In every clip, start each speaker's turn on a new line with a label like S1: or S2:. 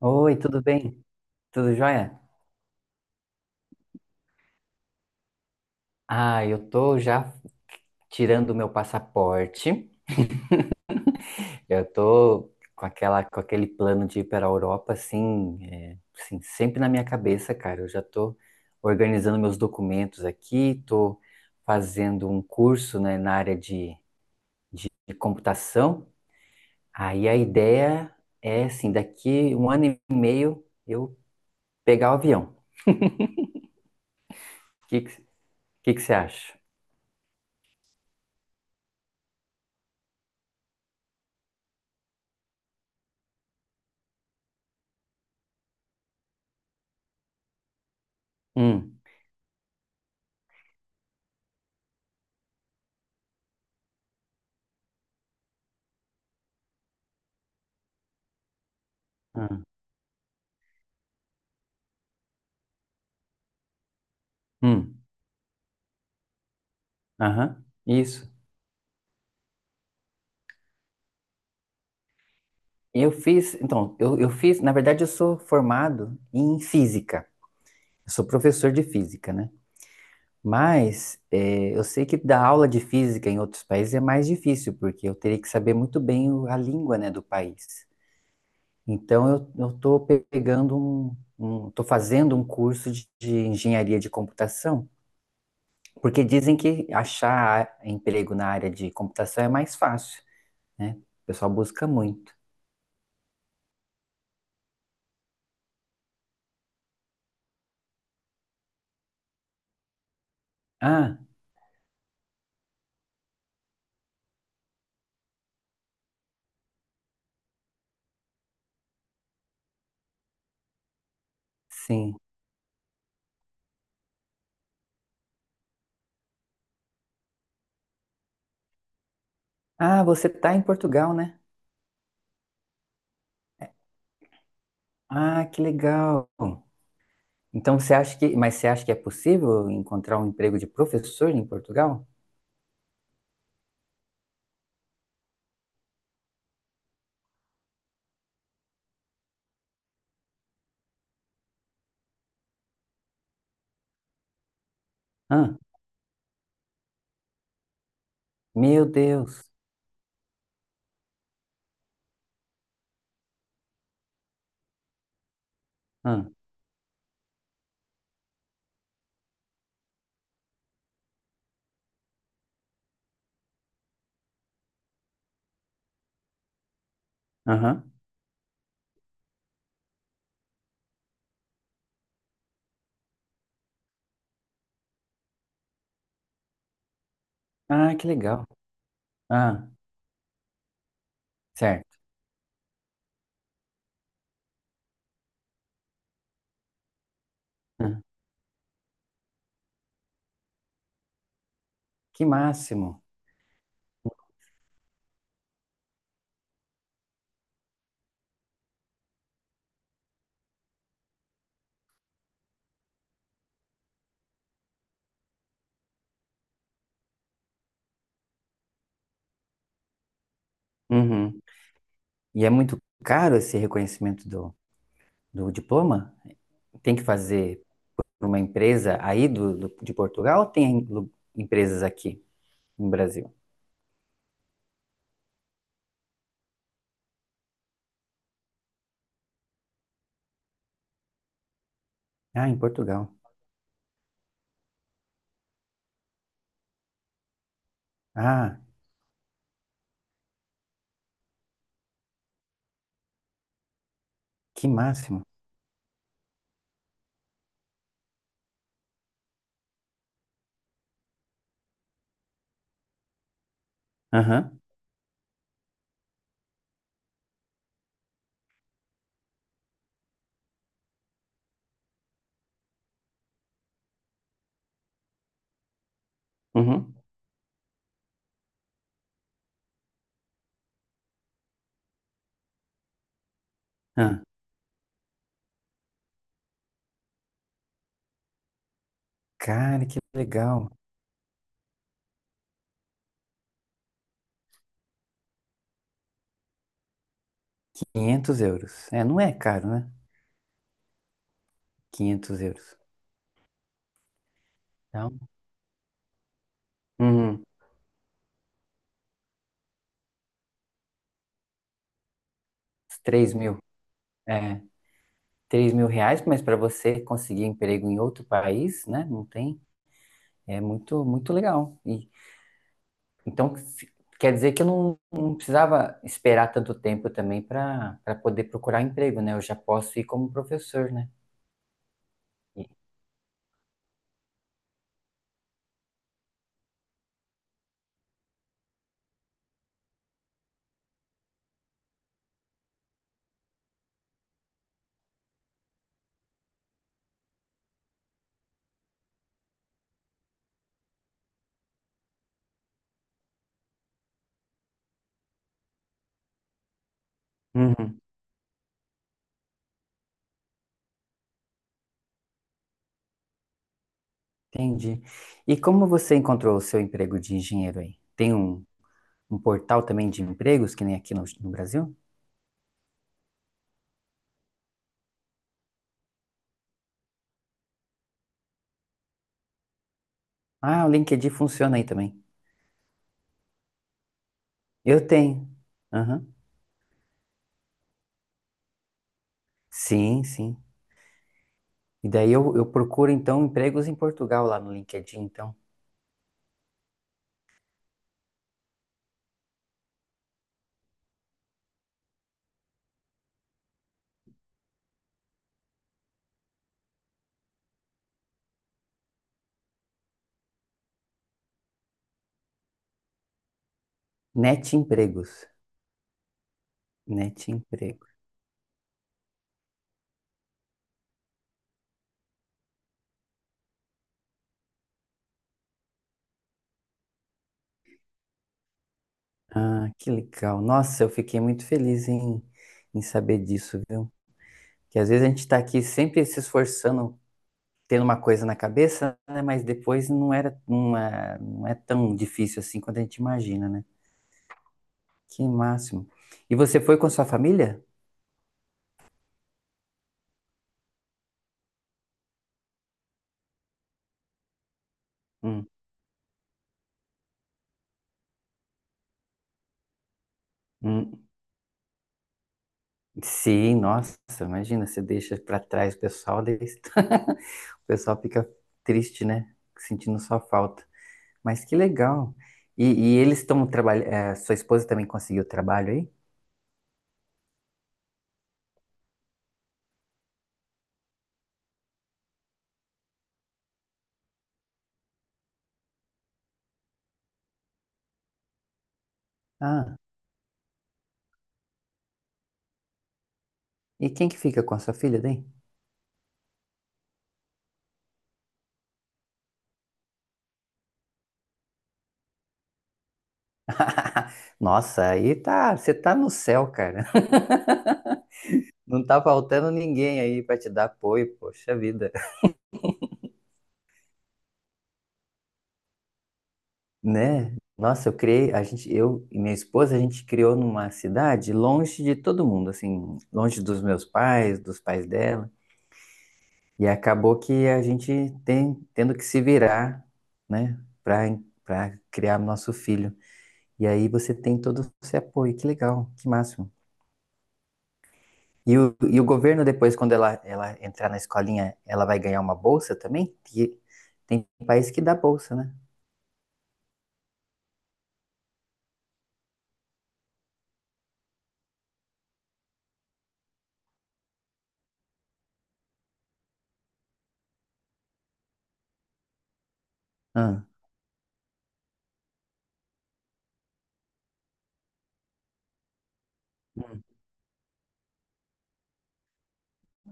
S1: Oi, tudo bem? Tudo jóia? Ah, eu tô já tirando o meu passaporte. Eu tô com aquele plano de ir para a Europa, assim, assim, sempre na minha cabeça, cara. Eu já tô organizando meus documentos aqui, tô fazendo um curso, né, na área de computação. Aí a ideia é, assim, daqui um ano e meio eu pegar o avião. O que que, que você acha? Hum, hum, hum. Aham, isso. Eu fiz, então, eu fiz, na verdade, eu sou formado em física. Eu sou professor de física, né? Mas eu sei que dar aula de física em outros países é mais difícil, porque eu teria que saber muito bem a língua, né, do país. Então, eu tô tô fazendo um curso de, engenharia de computação, porque dizem que achar emprego na área de computação é mais fácil, né? O pessoal busca muito. Ah, sim. Ah, você está em Portugal, né? Ah, que legal. Então mas você acha que é possível encontrar um emprego de professor em Portugal? Ah, meu Deus. Ah, aham. Ah, que legal. Ah, certo. Ah, que máximo. Uhum. E é muito caro esse reconhecimento do, do, diploma? Tem que fazer para uma empresa aí de Portugal ou tem empresas aqui no Brasil? Ah, em Portugal. Ah, que máximo. Aham. Uhum. Cara, que legal. 500 euros. É, não é caro, né? Quinhentos euros. Então, uhum, 3 mil. É, três mil reais, mas para você conseguir emprego em outro país, né? Não tem. É muito, muito legal. E, então, quer dizer que eu não precisava esperar tanto tempo também para poder procurar emprego, né? Eu já posso ir como professor, né? E- Uhum, entendi. E como você encontrou o seu emprego de engenheiro aí? Tem um portal também de empregos, que nem aqui no Brasil? Ah, o LinkedIn funciona aí também. Eu tenho. Aham. Sim, sim. E daí eu procuro, então, empregos em Portugal lá no LinkedIn, então. Net Empregos. Net Emprego. Ah, que legal. Nossa, eu fiquei muito feliz em saber disso, viu? Que às vezes a gente está aqui sempre se esforçando, tendo uma coisa na cabeça, né? Mas depois não era, não é tão difícil assim quanto a gente imagina, né? Que máximo. E você foi com sua família? Hum, hum. Sim, nossa, imagina, você deixa pra trás o pessoal, daí o pessoal fica triste, né? Sentindo sua falta. Mas que legal. E, e eles estão trabalhando. Sua esposa também conseguiu trabalho aí? Ah, e quem que fica com a sua filha daí? Nossa, aí tá, você tá no céu, cara. Não tá faltando ninguém aí pra te dar apoio, poxa vida. Né? Nossa, a gente, eu e minha esposa, a gente criou numa cidade longe de todo mundo, assim, longe dos meus pais, dos pais dela, e acabou que a gente tem tendo que se virar, né, para criar nosso filho. E aí você tem todo esse apoio, que legal, que máximo. E o governo depois, quando ela entrar na escolinha, ela vai ganhar uma bolsa também? Que tem país que dá bolsa, né? Ah.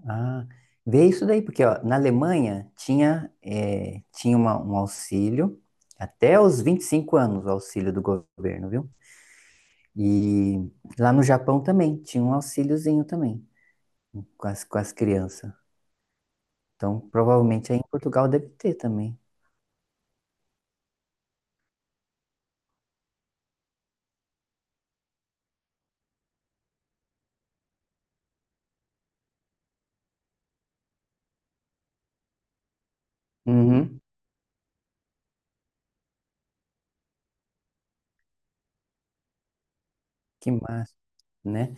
S1: Ah, vê isso daí, porque ó, na Alemanha tinha, tinha um auxílio até os 25 anos, o auxílio do governo, viu? E lá no Japão também tinha um auxíliozinho também com as, crianças. Então, provavelmente aí em Portugal deve ter também. Uhum. Que massa, né?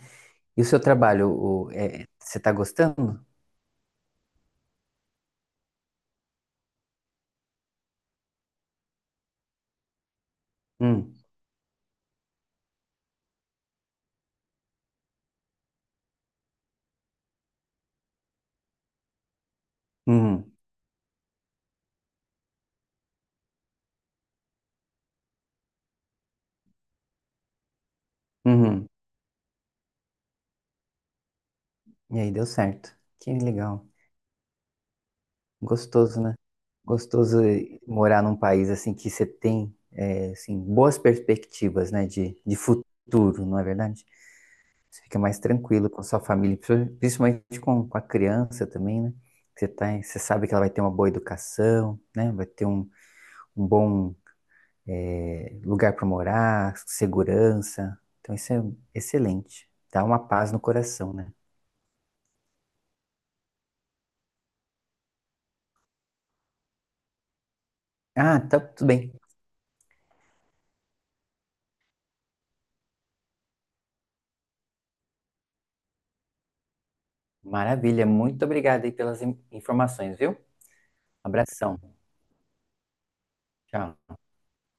S1: E o seu trabalho, você tá gostando? Hum, hum, uhum. E aí deu certo. Que legal. Gostoso, né? Gostoso morar num país assim que você tem assim, boas perspectivas, né, de, futuro, não é verdade? Você fica mais tranquilo com a sua família, principalmente com a criança também, né? Você tá, você sabe que ela vai ter uma boa educação, né? Vai ter um bom lugar para morar, segurança. Então isso é excelente. Dá uma paz no coração, né? Ah, tá tudo bem. Maravilha. Muito obrigado aí pelas informações, viu? Abração. Tchau.